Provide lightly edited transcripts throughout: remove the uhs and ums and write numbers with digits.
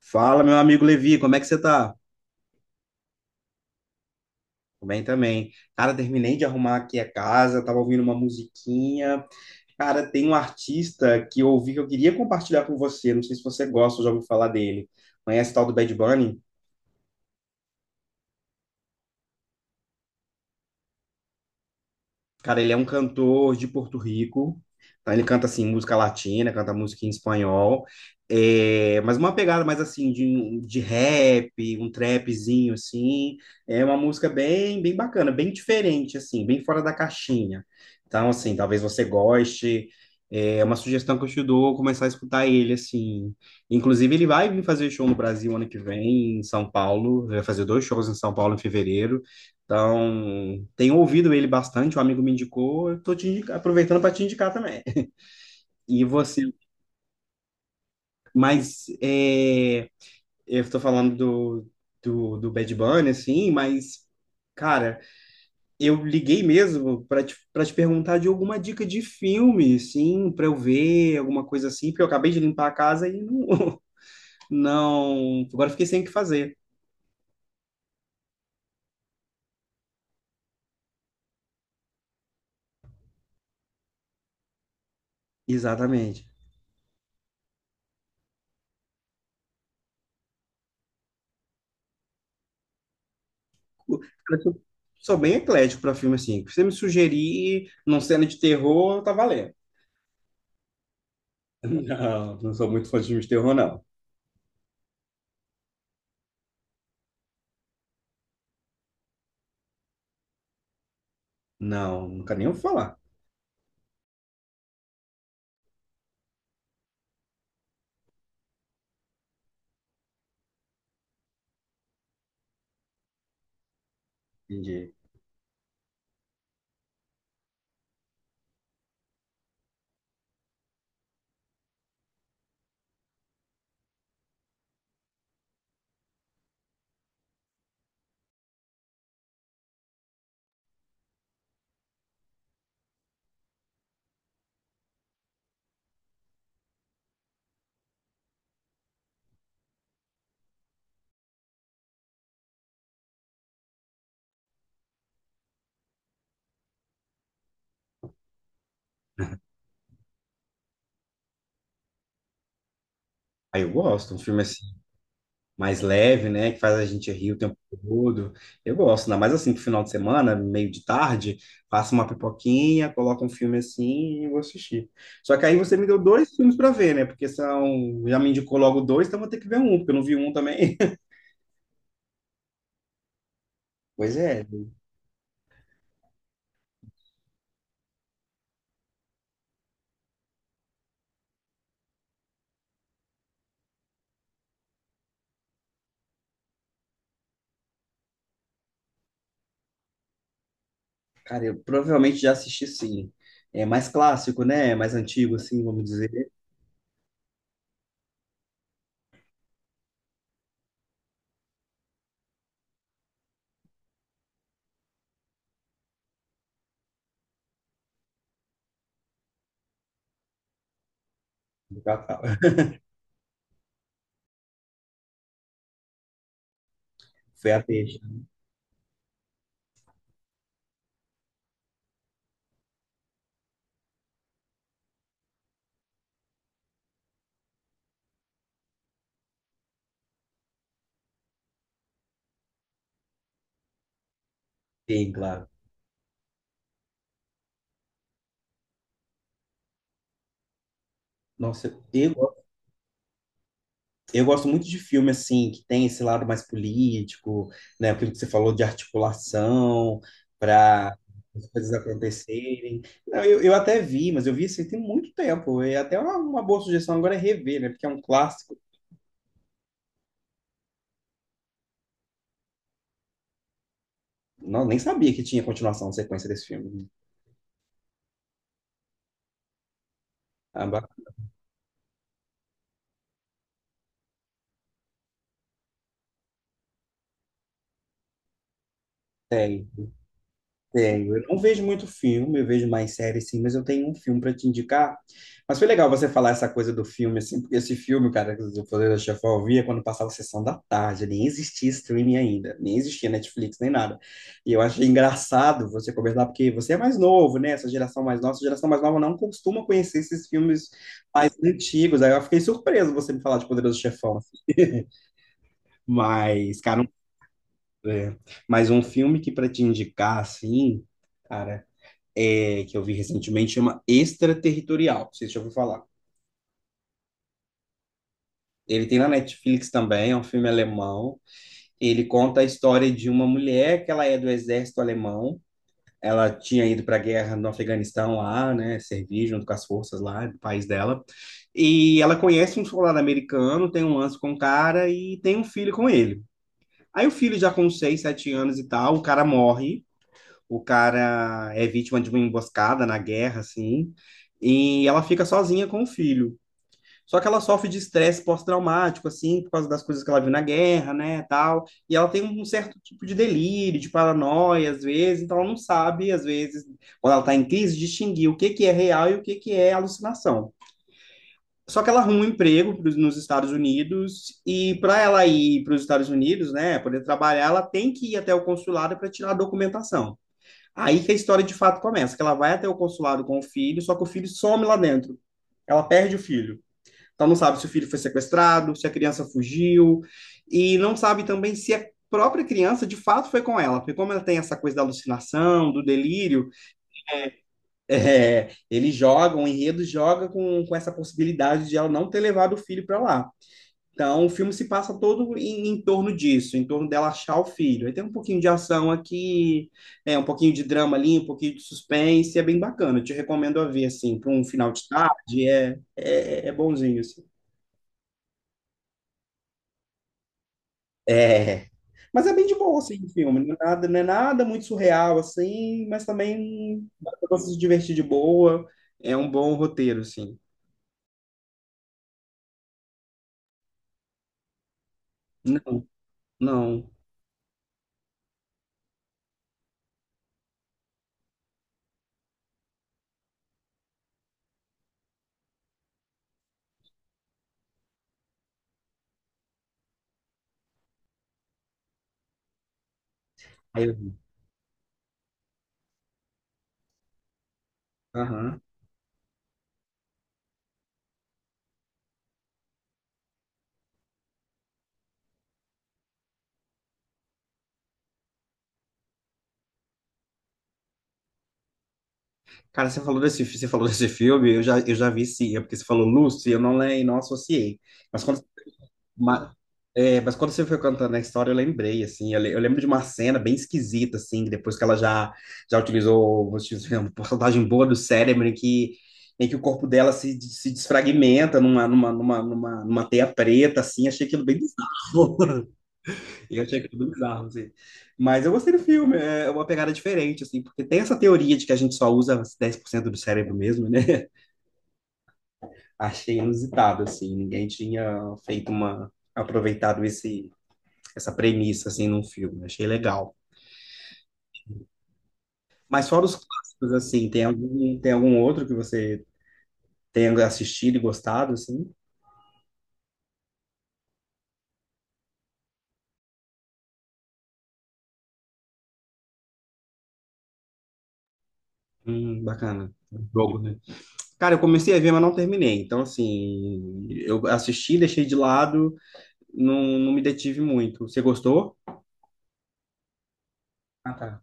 Fala, meu amigo Levi, como é que você tá? Tô bem também. Cara, terminei de arrumar aqui a casa, tava ouvindo uma musiquinha. Cara, tem um artista que eu ouvi que eu queria compartilhar com você, não sei se você gosta ou já ouviu falar dele. Conhece o tal do Bad Bunny? Cara, ele é um cantor de Porto Rico. Tá? Ele canta assim música latina, canta música em espanhol. É, mas uma pegada mais assim de rap, um trapzinho assim. É uma música bem bem bacana, bem diferente assim, bem fora da caixinha. Então assim, talvez você goste. É uma sugestão que eu te dou, começar a escutar ele assim. Inclusive ele vai vir fazer show no Brasil ano que vem, em São Paulo. Vai fazer dois shows em São Paulo em fevereiro. Então, tenho ouvido ele bastante, um amigo me indicou, eu aproveitando para te indicar também. E você, mas é, eu estou falando do Bad Bunny, assim, mas, cara, eu liguei mesmo para te perguntar de alguma dica de filme, sim, para eu ver, alguma coisa assim, porque eu acabei de limpar a casa e não, não, agora eu fiquei sem o que fazer. Exatamente. Eu sou bem eclético para filme, assim, se você me sugerir num cena de terror, tá valendo. Não, não sou muito fã de filme de terror, não. Não, nunca nem ouvi falar. Entendi. Aí eu gosto, um filme assim, mais leve, né? Que faz a gente rir o tempo todo. Eu gosto, ainda mais assim, pro final de semana, meio de tarde, faço uma pipoquinha, coloco um filme assim e vou assistir. Só que aí você me deu dois filmes pra ver, né? Porque são. Já me indicou logo dois, então vou ter que ver um, porque eu não vi um também. Pois é, cara, eu provavelmente já assisti sim. É mais clássico, né? Mais antigo, assim, vamos dizer. Foi a peixe, sim, claro. Nossa, eu, eu gosto muito de filme assim que tem esse lado mais político, né? Aquilo que você falou de articulação para as coisas acontecerem. Não, eu até vi, mas eu vi assim tem muito tempo. E até uma boa sugestão agora é rever, né? Porque é um clássico. Não, nem sabia que tinha continuação, sequência desse filme. Ah, ba- Tem. Tenho. Eu não vejo muito filme, eu vejo mais séries sim, mas eu tenho um filme para te indicar. Mas foi legal você falar essa coisa do filme, assim, porque esse filme, cara, que o Poder da Chefão eu via quando passava a sessão da tarde, nem existia streaming ainda, nem existia Netflix, nem nada. E eu achei engraçado você conversar, porque você é mais novo, né? Essa geração mais nova, essa geração mais nova não costuma conhecer esses filmes mais antigos. Aí eu fiquei surpreso você me falar de Poderoso Chefão assim. Mas, cara, é, mas um filme que para te indicar, assim. Cara, é, que eu vi recentemente, chama Extraterritorial. Não sei se já ouviu falar. Ele tem na Netflix também, é um filme alemão. Ele conta a história de uma mulher que ela é do exército alemão. Ela tinha ido para a guerra no Afeganistão lá, né, servir junto com as forças lá do país dela. E ela conhece um soldado americano, tem um lance com o cara e tem um filho com ele. Aí o filho já com 6, 7 anos e tal, o cara morre, o cara é vítima de uma emboscada na guerra, assim, e ela fica sozinha com o filho. Só que ela sofre de estresse pós-traumático, assim, por causa das coisas que ela viu na guerra, né, tal. E ela tem um certo tipo de delírio, de paranoia, às vezes, então ela não sabe, às vezes, quando ela está em crise, distinguir o que que é real e o que que é alucinação. Só que ela arruma um emprego nos Estados Unidos e para ela ir para os Estados Unidos, né, poder trabalhar, ela tem que ir até o consulado para tirar a documentação. Aí que a história de fato começa, que ela vai até o consulado com o filho, só que o filho some lá dentro. Ela perde o filho. Então não sabe se o filho foi sequestrado, se a criança fugiu, e não sabe também se a própria criança de fato foi com ela, porque como ela tem essa coisa da alucinação, do delírio, é, ele joga, o enredo joga com essa possibilidade de ela não ter levado o filho para lá. Então, o filme se passa todo em torno disso, em torno dela achar o filho. Aí tem um pouquinho de ação aqui, é, um pouquinho de drama ali, um pouquinho de suspense, é bem bacana. Eu te recomendo a ver, assim, para um final de tarde, é bonzinho, assim. É, mas é bem de boa, assim, o filme. Não é nada, não é nada muito surreal, assim, mas também dá pra você se divertir de boa. É um bom roteiro, assim. Não, não. Aí eu vi. Cara, você falou desse filme, eu já vi sim, é porque você falou Lucy, eu não lembro, não associei. Mas quando, ma- é, mas quando você foi cantando a história, eu lembrei, assim, eu lembro de uma cena bem esquisita, assim, que depois que já utilizou, vou te dizer, uma porcentagem boa do cérebro, em que o corpo dela se, se desfragmenta numa teia preta, assim, achei aquilo bem bizarro, né? Eu achei aquilo bizarro, assim. Mas eu gostei do filme, é uma pegada diferente, assim, porque tem essa teoria de que a gente só usa 10% do cérebro mesmo, né? Achei inusitado, assim, ninguém tinha feito uma, aproveitado esse, essa premissa, assim, num filme, achei legal. Mas fora os clássicos, assim, tem algum outro que você tenha assistido e gostado, assim? Bacana. Jogo, né? Cara, eu comecei a ver, mas não terminei. Então, assim, eu assisti, deixei de lado, não, não me detive muito. Você gostou? Ah, tá.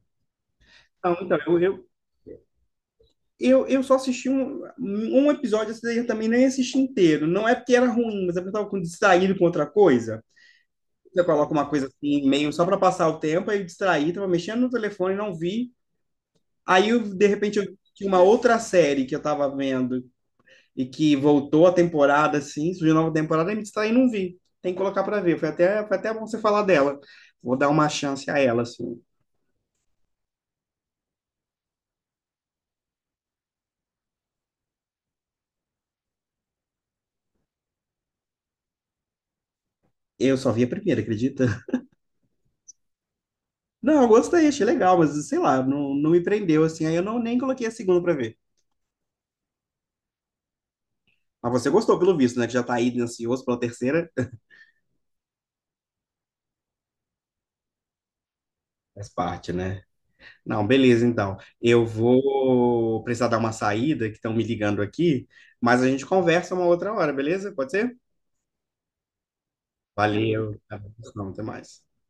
Não, então, eu só assisti um episódio, esse daí eu também nem assisti inteiro. Não é porque era ruim, mas é porque eu tava com- distraído com outra coisa. Você coloca uma coisa assim, meio só para passar o tempo, aí eu distraí, tava mexendo no telefone, não vi. Aí, eu, de repente, eu tinha uma outra série que eu tava vendo e que voltou a temporada, assim, surgiu nova temporada, e me distraí e não vi. Tem que colocar para ver. Foi até bom você falar dela. Vou dar uma chance a ela, assim. Eu só vi a primeira, acredita? Não, eu gostei, achei legal, mas sei lá, não, não me prendeu assim. Aí eu não nem coloquei a segunda pra ver. Mas você gostou, pelo visto, né? Que já tá aí ansioso pela terceira. Faz parte, né? Não, beleza, então. Eu vou precisar dar uma saída, que estão me ligando aqui, mas a gente conversa uma outra hora, beleza? Pode ser? Valeu. Não, até mais.